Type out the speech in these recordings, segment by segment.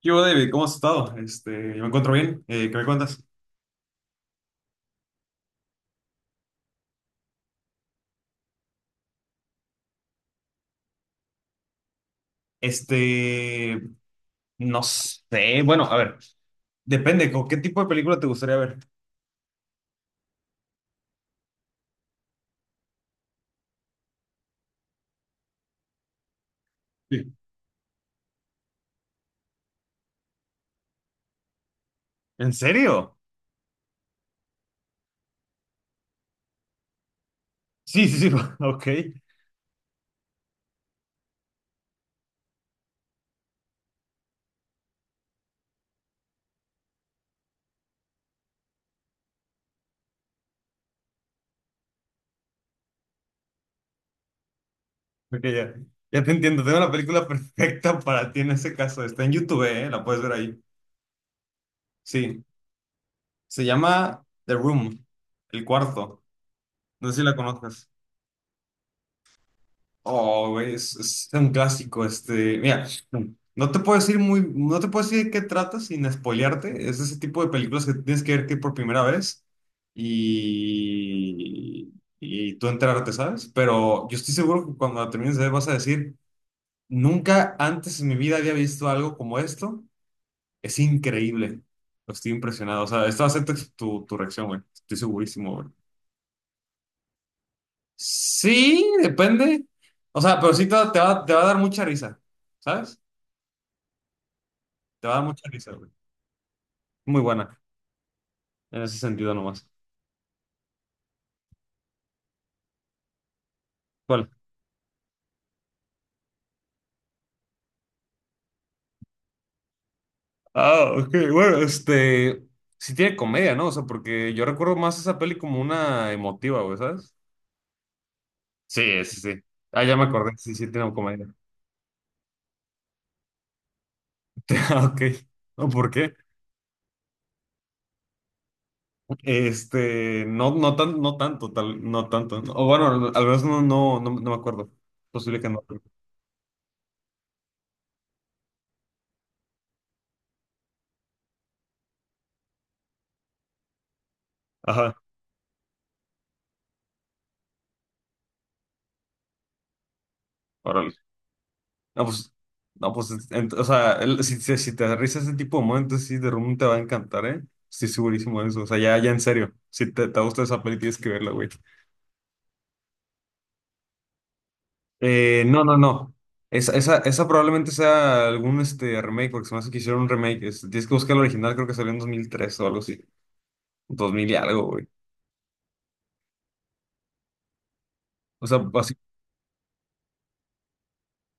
¿Qué hubo, David? ¿Cómo has estado? Yo me encuentro bien. ¿Qué me cuentas? Este, no sé. Bueno, a ver, depende. ¿Con qué tipo de película te gustaría ver? Sí. ¿En serio? Sí, sí, sí. Ok, ok, ya. Ya te entiendo. Tengo la película perfecta para ti en ese caso. Está en YouTube, ¿eh? La puedes ver ahí. Sí. Se llama The Room, El Cuarto. No sé si la conozcas. Oh, güey, es un clásico, mira, no te puedo decir muy, no te puedo decir de qué trata sin spoilearte, es ese tipo de películas que tienes que ver que por primera vez y, y tú enterarte, ¿sabes? Pero yo estoy seguro que cuando la termines de ver vas a decir, nunca antes en mi vida había visto algo como esto, es increíble, estoy impresionado, o sea, esto va a ser tu, tu reacción, güey, estoy segurísimo, güey. Sí, depende. O sea, pero sí te va a dar mucha risa, ¿sabes? Te va a dar mucha risa, güey. Muy buena, en ese sentido nomás. ¿Cuál? Ah, ok, bueno, Sí tiene comedia, ¿no? O sea, porque yo recuerdo más esa peli como una emotiva, güey, ¿sabes? Sí, sí, sí. Ah, ya me acordé, sí, sí tiene comedia. Ah, Ok. ¿No? ¿Por qué? No, no tan, no tanto, tal, no tanto. ¿No? O bueno, al menos no, no, no, no me acuerdo. Posible que no. Ajá. Órale. No, pues, no, pues, o sea, si te aterrizas ese tipo de momentos, sí, The Room te va a encantar, ¿eh? Estoy segurísimo de eso. O sea, ya, ya en serio, si te gusta esa peli, tienes que verla, güey. No, no, no. Esa probablemente sea algún remake, porque se me hace que hicieron un remake. Tienes que buscar el original, creo que salió en 2003 o algo así, dos mil y algo, güey. O sea, así.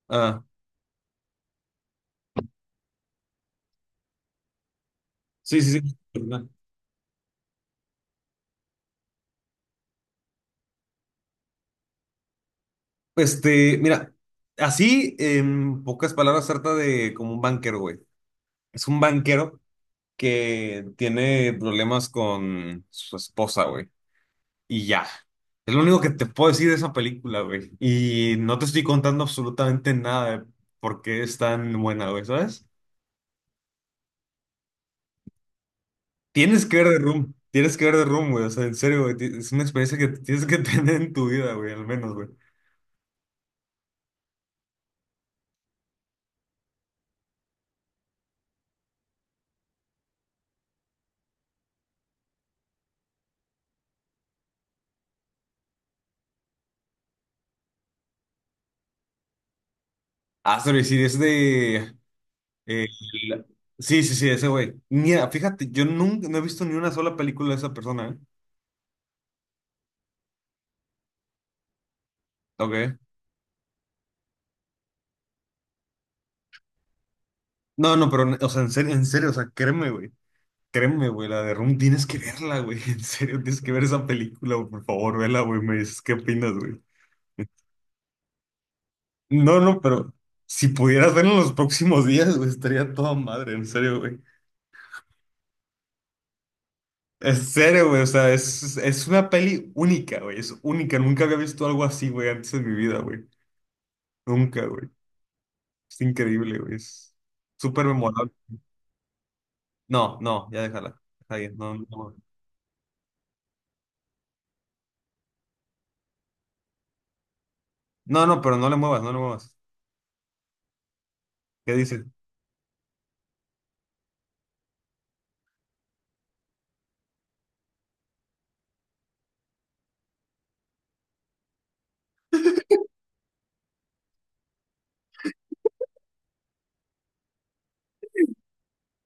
Ah, sí, sí, sí. Mira, así, en pocas palabras, trata de como un banquero, güey. Es un banquero que tiene problemas con su esposa, güey. Y ya. Es lo único que te puedo decir de esa película, güey. Y no te estoy contando absolutamente nada de por qué es tan buena, güey, ¿sabes? Tienes que ver The Room. Tienes que ver The Room, güey. O sea, en serio, güey. Es una experiencia que tienes que tener en tu vida, güey, al menos, güey. Ah, sorry, sí, es de... eh, la- Sí, sí, sí, ese güey. Mira, fíjate, yo nunca, no he visto ni una sola película de esa persona, ¿eh? Ok. No, no, pero, o sea, en serio, o sea, créeme, güey. Créeme, güey, la de Room tienes que verla, güey. En serio, tienes que ver esa película, güey, por favor, vela, güey. Me dices qué opinas, güey. No, no, pero si pudieras verlo en los próximos días, güey, estaría toda madre, en serio, güey. En serio, güey, o sea, es una peli única, güey, es única. Nunca había visto algo así, güey, antes de mi vida, güey. Nunca, güey. Es increíble, güey, es súper memorable. No, no, ya déjala. Está bien, no, no, le no, no, pero no le muevas, no le muevas. ¿Qué dices?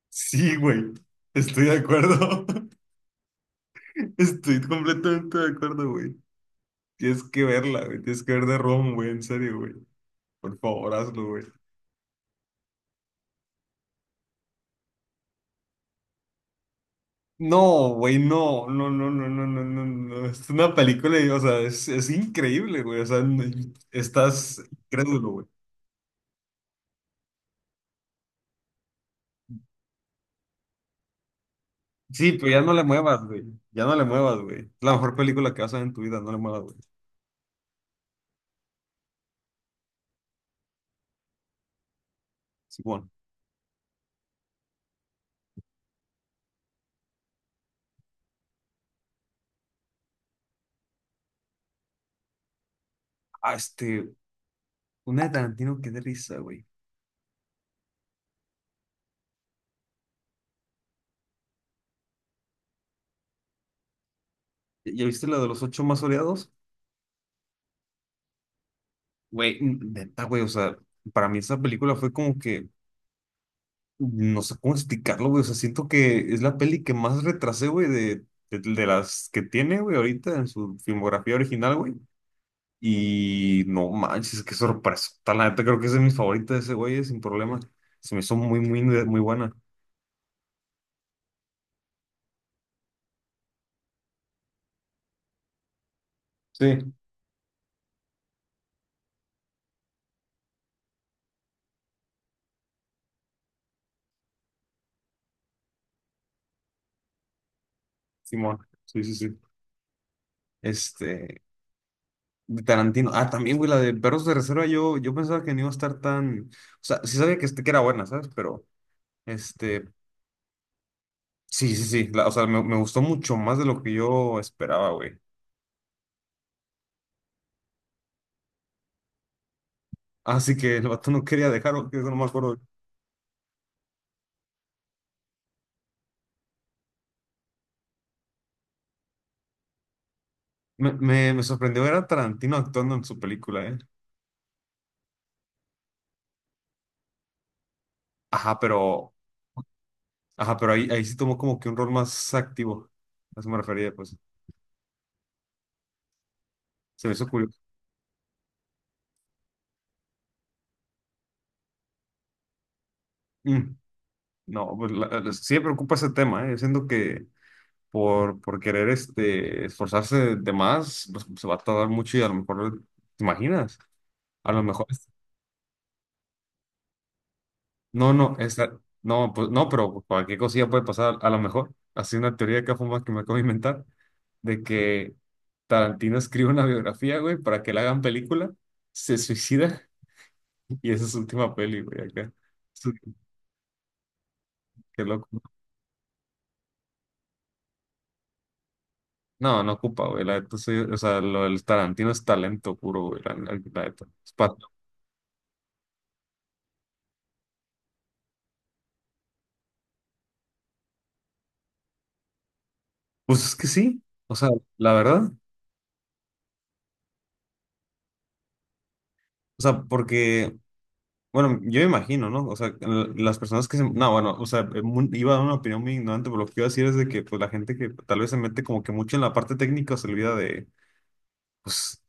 Sí, güey, estoy de acuerdo. Estoy completamente de acuerdo, güey. Tienes que verla, güey. Tienes que ver de Rom, güey. En serio, güey. Por favor, hazlo, güey. No, güey, no, no, no, no, no, no, no, no. Es una película, y, o sea, es increíble, güey. O sea, estás crédulo, güey. Sí, pero ya no le muevas, güey. Ya no le muevas, güey. Es la mejor película que vas a ver en tu vida, no le muevas, güey. Sí, bueno. Ah, una de Tarantino, qué de risa, güey. ¿Ya viste la de los ocho más odiados? Güey, neta, güey, o sea, para mí esa película fue como que no sé cómo explicarlo, güey. O sea, siento que es la peli que más retrasé, güey, de las que tiene, güey, ahorita en su filmografía original, güey. Y no manches, qué sorpresa. La neta, creo que es de mis favoritas de ese güey, sin problema. Se me hizo muy, muy, muy buena. Sí. Simón, sí, sí, sí. Este, de Tarantino. Ah, también, güey, la de Perros de Reserva, yo pensaba que no iba a estar tan. O sea, sí sabía que era buena, ¿sabes? Pero, este, sí, sí, sí. O sea, me gustó mucho más de lo que yo esperaba, güey. Así que el vato no quería dejarlo, que eso no me acuerdo. Me sorprendió ver a Tarantino actuando en su película, ¿eh? Ajá, pero, ajá, pero ahí sí tomó como que un rol más activo. A eso me refería, pues. Se me hizo curioso. Mm, no, pues sí me preocupa ese tema, ¿eh? Siento que por querer esforzarse de más, pues, se va a tardar mucho y a lo mejor, ¿te imaginas? A lo mejor, no, no, no, pues, no, pero cualquier cosilla puede pasar, a lo mejor. Así una teoría que fuma que me acabo de inventar, de que Tarantino escribe una biografía, güey, para que la hagan película, se suicida y esa es su última peli, güey, acá. Su- Qué loco. No, no ocupa, güey, la neta, o sea, lo del Tarantino es talento puro, güey, la neta. Pues es que sí, o sea, la verdad, o sea, porque, bueno, yo me imagino, ¿no? O sea, las personas que se, no, bueno, o sea, iba a dar una opinión muy ignorante, pero lo que iba a decir es de que, pues, la gente que tal vez se mete como que mucho en la parte técnica se olvida de pues,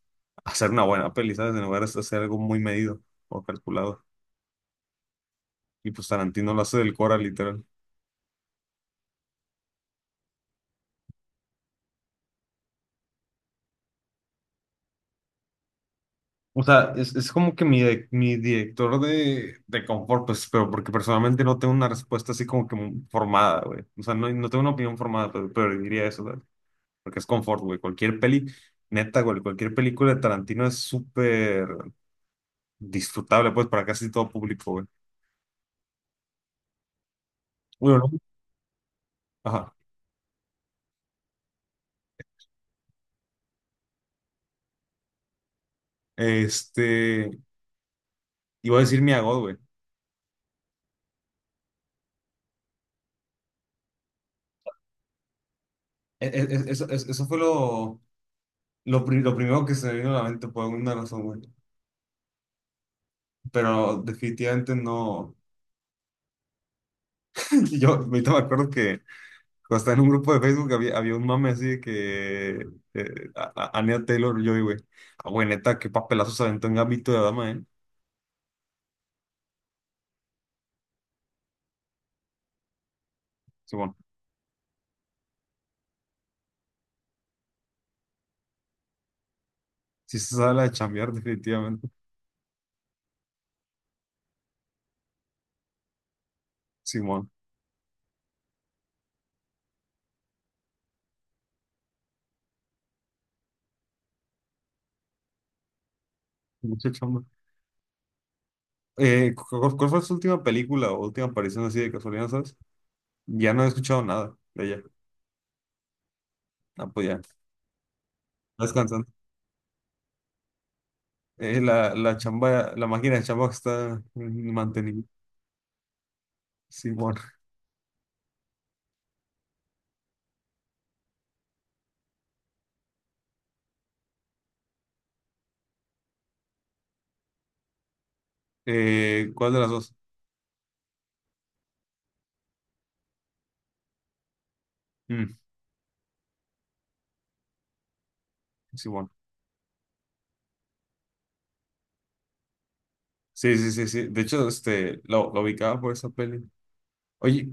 hacer una buena peli, ¿sabes? En lugar de hacer algo muy medido o calculado. Y pues Tarantino lo hace del Cora, literal. O sea, es como que mi director de confort, pues, pero porque personalmente no tengo una respuesta así como que muy formada, güey. O sea, no tengo una opinión formada, pero, diría eso, ¿sabes? Porque es confort, güey. Cualquier peli, neta, güey, cualquier película de Tarantino es súper disfrutable, pues, para casi todo público, güey. Bueno, ¿no? Ajá. Este, iba a decir mi God, güey. E- e- eso fue lo primero que se me vino a la mente por alguna razón, güey. Pero definitivamente no. Yo ahorita me acuerdo que cuando estaba en un grupo de Facebook había un mame así de que Anya Taylor-Joy, güey. Ah, güey, neta, qué papelazo se aventó en Gambito de Dama, ¿eh? Simón. Sí se sabe la de chambear, definitivamente. Simón. Mucha chamba. ¿Cuál fue su última película o última aparición así de casualidad, sabes? Ya no he escuchado nada de ella. Ah, pues ya. Descansando. La chamba, la máquina de chamba que está manteniendo Simón. ¿Cuál de las dos? Mm, Simón. Sí, sí, sí, sí. De hecho, lo ubicaba por esa peli. Oye,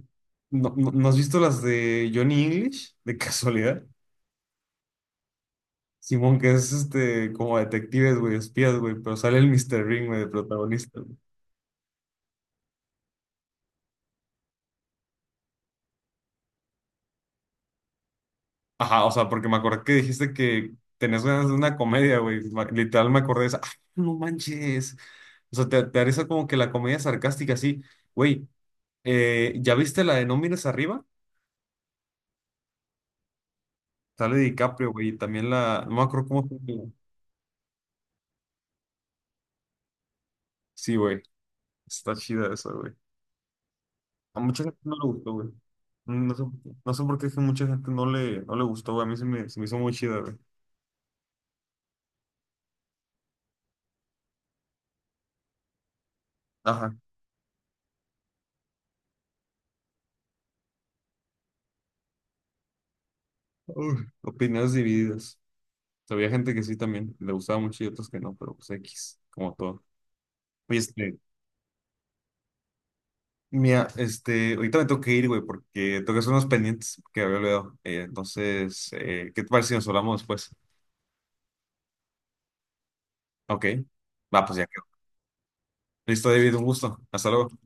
¿no has visto las de Johnny English? De casualidad. Simón, que es como detectives, güey, espías, güey, pero sale el Mr. Ring, güey, de protagonista, güey. Ajá, o sea, porque me acordé que dijiste que tenés ganas de una comedia, güey. Literal me acordé de esa. ¡Ah, no manches! O sea, te haré esa como que la comedia sarcástica, así. Güey, ¿ya viste la de No mires arriba? Sale DiCaprio, güey, y también la. No me acuerdo cómo se llama. Sí, güey. Está chida esa, güey. A mucha gente no le gustó, güey. No sé por qué es que mucha gente no le gustó, güey. A mí se me hizo muy chida, güey. Ajá. Uf, opiniones divididas. O sea, había gente que sí también le gustaba mucho y otros que no, pero pues X, como todo. Oye, mira, ahorita me tengo que ir, güey, porque tengo que hacer unos pendientes que había olvidado. Entonces, ¿qué te parece si nos hablamos después? Ok. Va, pues ya quedó. Listo, David, un gusto. Hasta luego.